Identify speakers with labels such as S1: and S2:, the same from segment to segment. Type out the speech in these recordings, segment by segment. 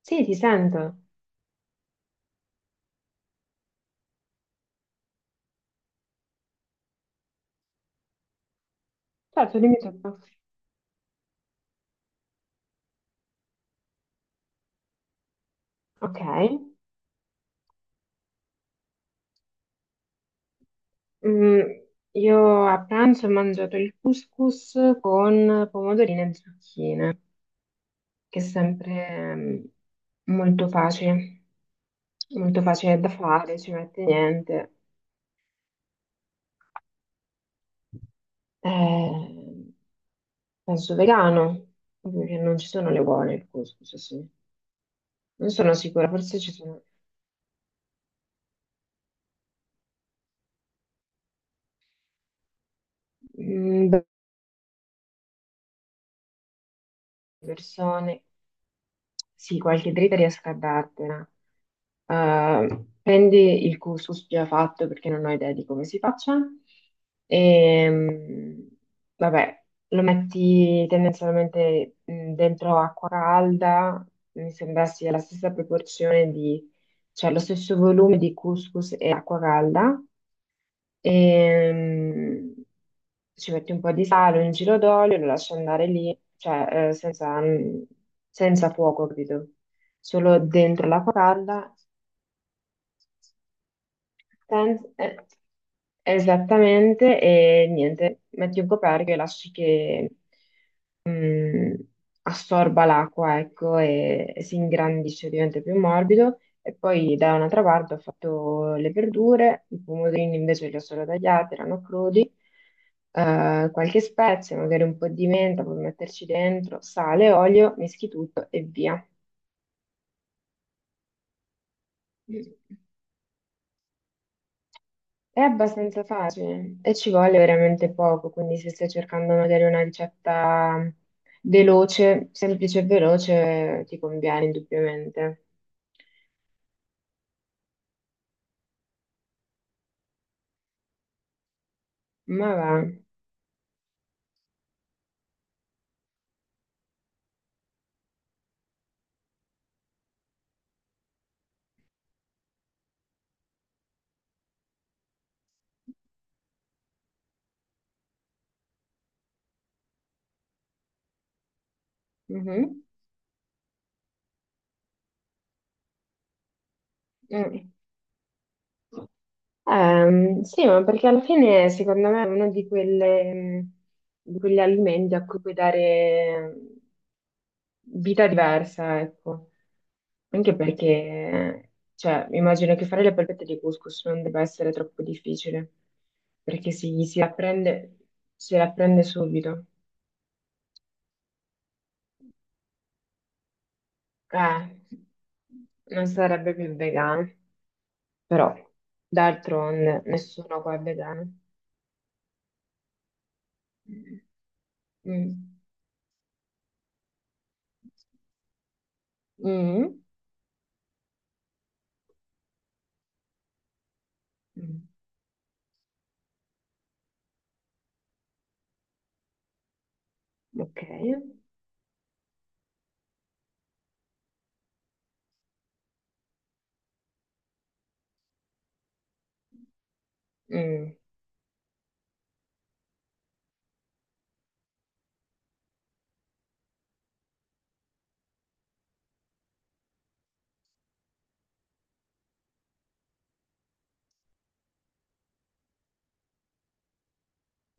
S1: Sì, ti sento. Certo, dimmi tutto. Ok. Mm, io a pranzo ho mangiato il couscous con pomodorini e zucchine, che è sempre molto facile da fare, ci mette niente. Eh, penso vegano, proprio che non ci sono le uova il couscous, sì. Non sono sicura, forse ci sono mm, persone, sì, qualche dritta riesco a dartela. Prendi il couscous già fatto perché non ho idea di come si faccia e vabbè, lo metti tendenzialmente dentro acqua calda, mi sembra sia la stessa proporzione di, cioè lo stesso volume di couscous e acqua calda e ci metti un po' di sale, un giro d'olio, lo lasci andare lì, cioè senza, senza fuoco, capito? Solo dentro l'acqua calda. Stand- eh, Esattamente, e niente, metti un coperchio e lasci che mm, assorba l'acqua, ecco, e si ingrandisce, diventa più morbido. E poi da un'altra parte ho fatto le verdure, i pomodorini invece li ho solo tagliati, erano crudi, qualche spezia, magari un po' di menta, puoi metterci dentro, sale, olio, mischi tutto e via. È abbastanza facile e ci vuole veramente poco, quindi se stai cercando magari una ricetta veloce, semplice e veloce, ti conviene indubbiamente. Ma va. Mhm. Mm. Sì, ma perché alla fine secondo me è uno di di quegli alimenti a cui puoi dare vita diversa, ecco. Anche perché, cioè, immagino che fare le polpette di couscous non debba essere troppo difficile, perché si apprende, si apprende subito. Eh, non sarebbe più vegano, però d'altronde nessuno qua è vegano. Mm. Mm. Mm. Mm. Ok. Mm.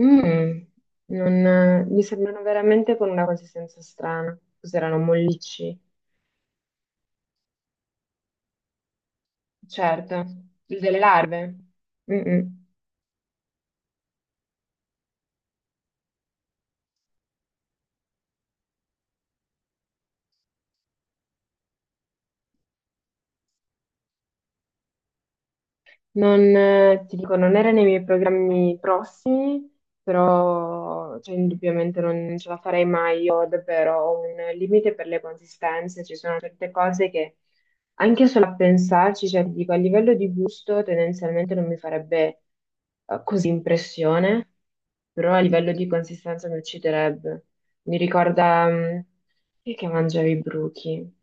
S1: Mm. Non, mi sembrano veramente con una consistenza strana. Cos'erano mollicci? Certo, il delle larve. Mm-mm. Non, ti dico, non era nei miei programmi prossimi, però cioè, indubbiamente non ce la farei mai. Io davvero ho un limite per le consistenze, ci sono certe cose che anche solo a pensarci, cioè ti dico, a livello di gusto tendenzialmente non mi farebbe così impressione, però a livello di consistenza mi ucciderebbe. Mi ricorda, chi è che mangiavi i bruchi?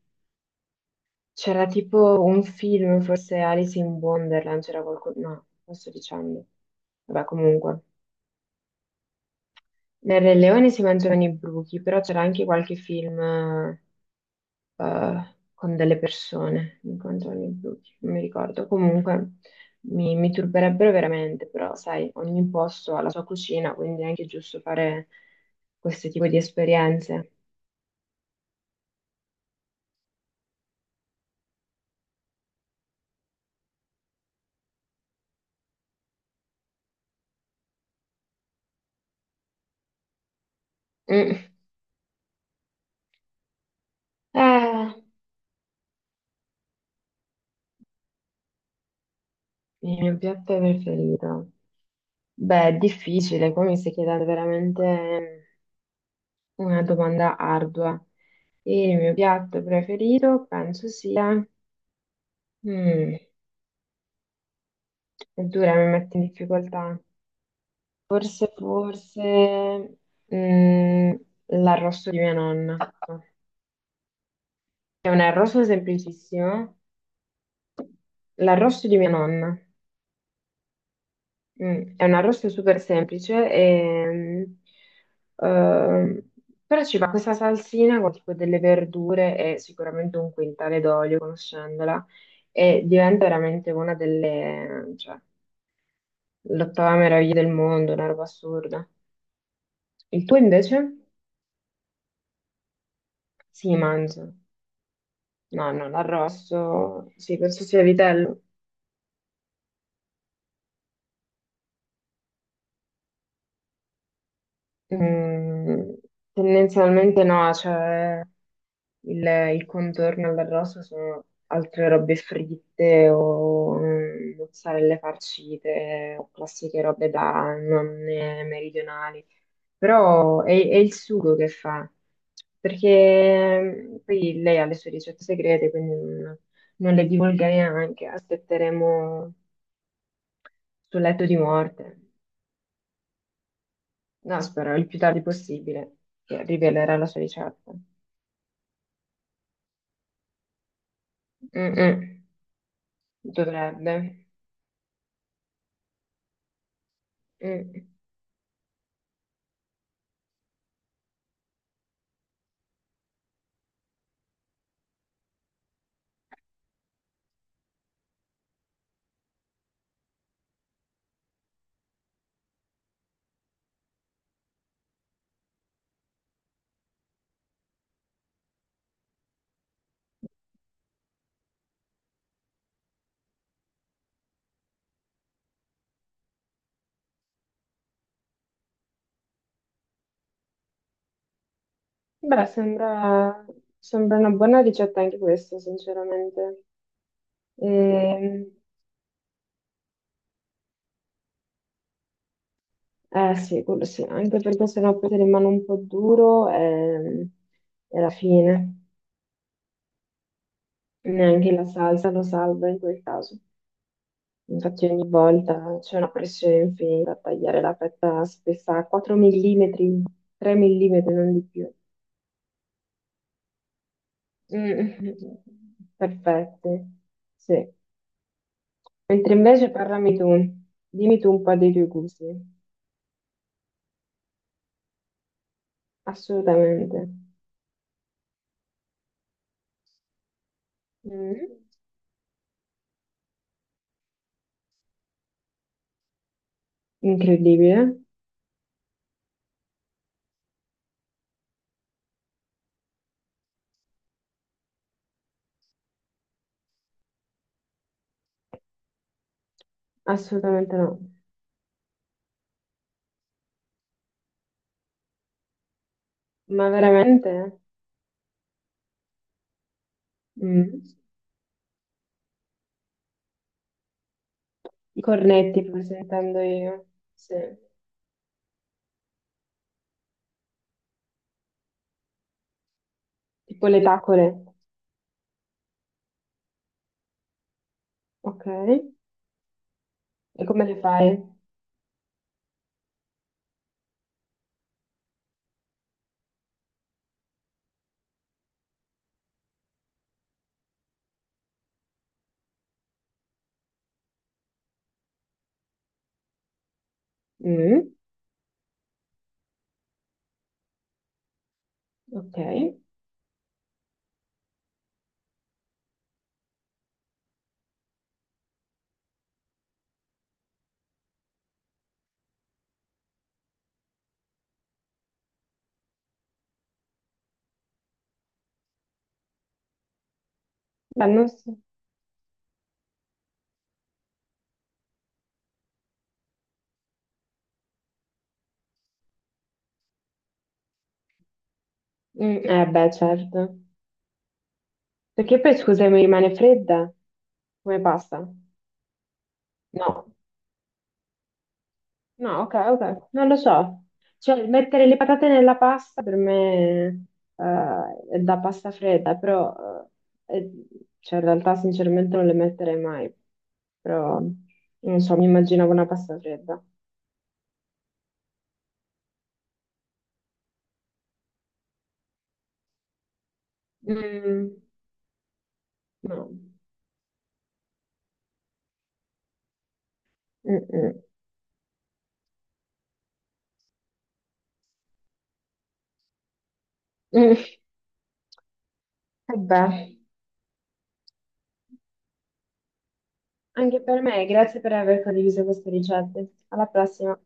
S1: C'era tipo un film, forse Alice in Wonderland, c'era qualcosa. No, non sto dicendo. Vabbè, comunque. Nel Re Leone si mangiavano i bruchi, però c'era anche qualche film con delle persone che mangiavano i bruchi, non mi ricordo. Comunque, mi turberebbero veramente, però sai, ogni posto ha la sua cucina, quindi è anche giusto fare questo tipo di esperienze. Mm. Eh, il mio piatto preferito. Beh, è difficile, qua mi stai chiedendo veramente una domanda ardua. E il mio piatto preferito penso sia... Mm, è dura, mi mette in difficoltà. Forse mm, l'arrosto di mia nonna. È un arrosto semplicissimo, l'arrosto di mia nonna. Mm. È un arrosto super semplice, e, ehm, però ci va questa salsina con tipo delle verdure e sicuramente un quintale d'olio, conoscendola, e diventa veramente una delle, cioè, l'ottava meraviglia del mondo, una roba assurda. Il tuo invece? Sì, mangio. No, no, l'arrosto, sì, penso sia vitello. Mm, tendenzialmente no, cioè... Il, il contorno all'arrosto sono altre robe fritte o mozzarelle farcite o classiche robe da nonne meridionali. Però è il sugo che fa, perché poi lei ha le sue ricette segrete, quindi non, non le divulgherei neanche. Aspetteremo sul letto di morte. No, spero il più tardi possibile che rivelerà la sua ricetta. Mm-mm, dovrebbe. Mm. Beh, sembra una buona ricetta anche questa, sinceramente. Ehm, eh sì, quello sì, anche perché sennò poi ti rimane un po' duro e alla fine neanche la salsa lo salva in quel caso. Infatti ogni volta c'è una pressione infinita a tagliare la fetta spessa a 4 mm, 3 mm, non di più. Mm, perfette, sì. Mentre invece parlami tu, dimmi tu un po' dei tuoi gusti. Assolutamente. Mm. Incredibile. Assolutamente no. Ma veramente? Mm. I cornetti, forse intendo io. Sì. Tipo le tacole. Ok. E come le fai? Mm. Ok. Beh, non so. Mm, eh beh, certo. Perché poi, scusa, mi rimane fredda? Come pasta? No. No, ok, ok, non lo so. Cioè, mettere le patate nella pasta per me è da pasta fredda, però eh, è- cioè, in realtà sinceramente non le metterei mai, però non so, mi immaginavo una pasta fredda. Mm, no. Mm-mm. Mm. Vabbè, anche per me, grazie per aver condiviso queste ricette. Alla prossima.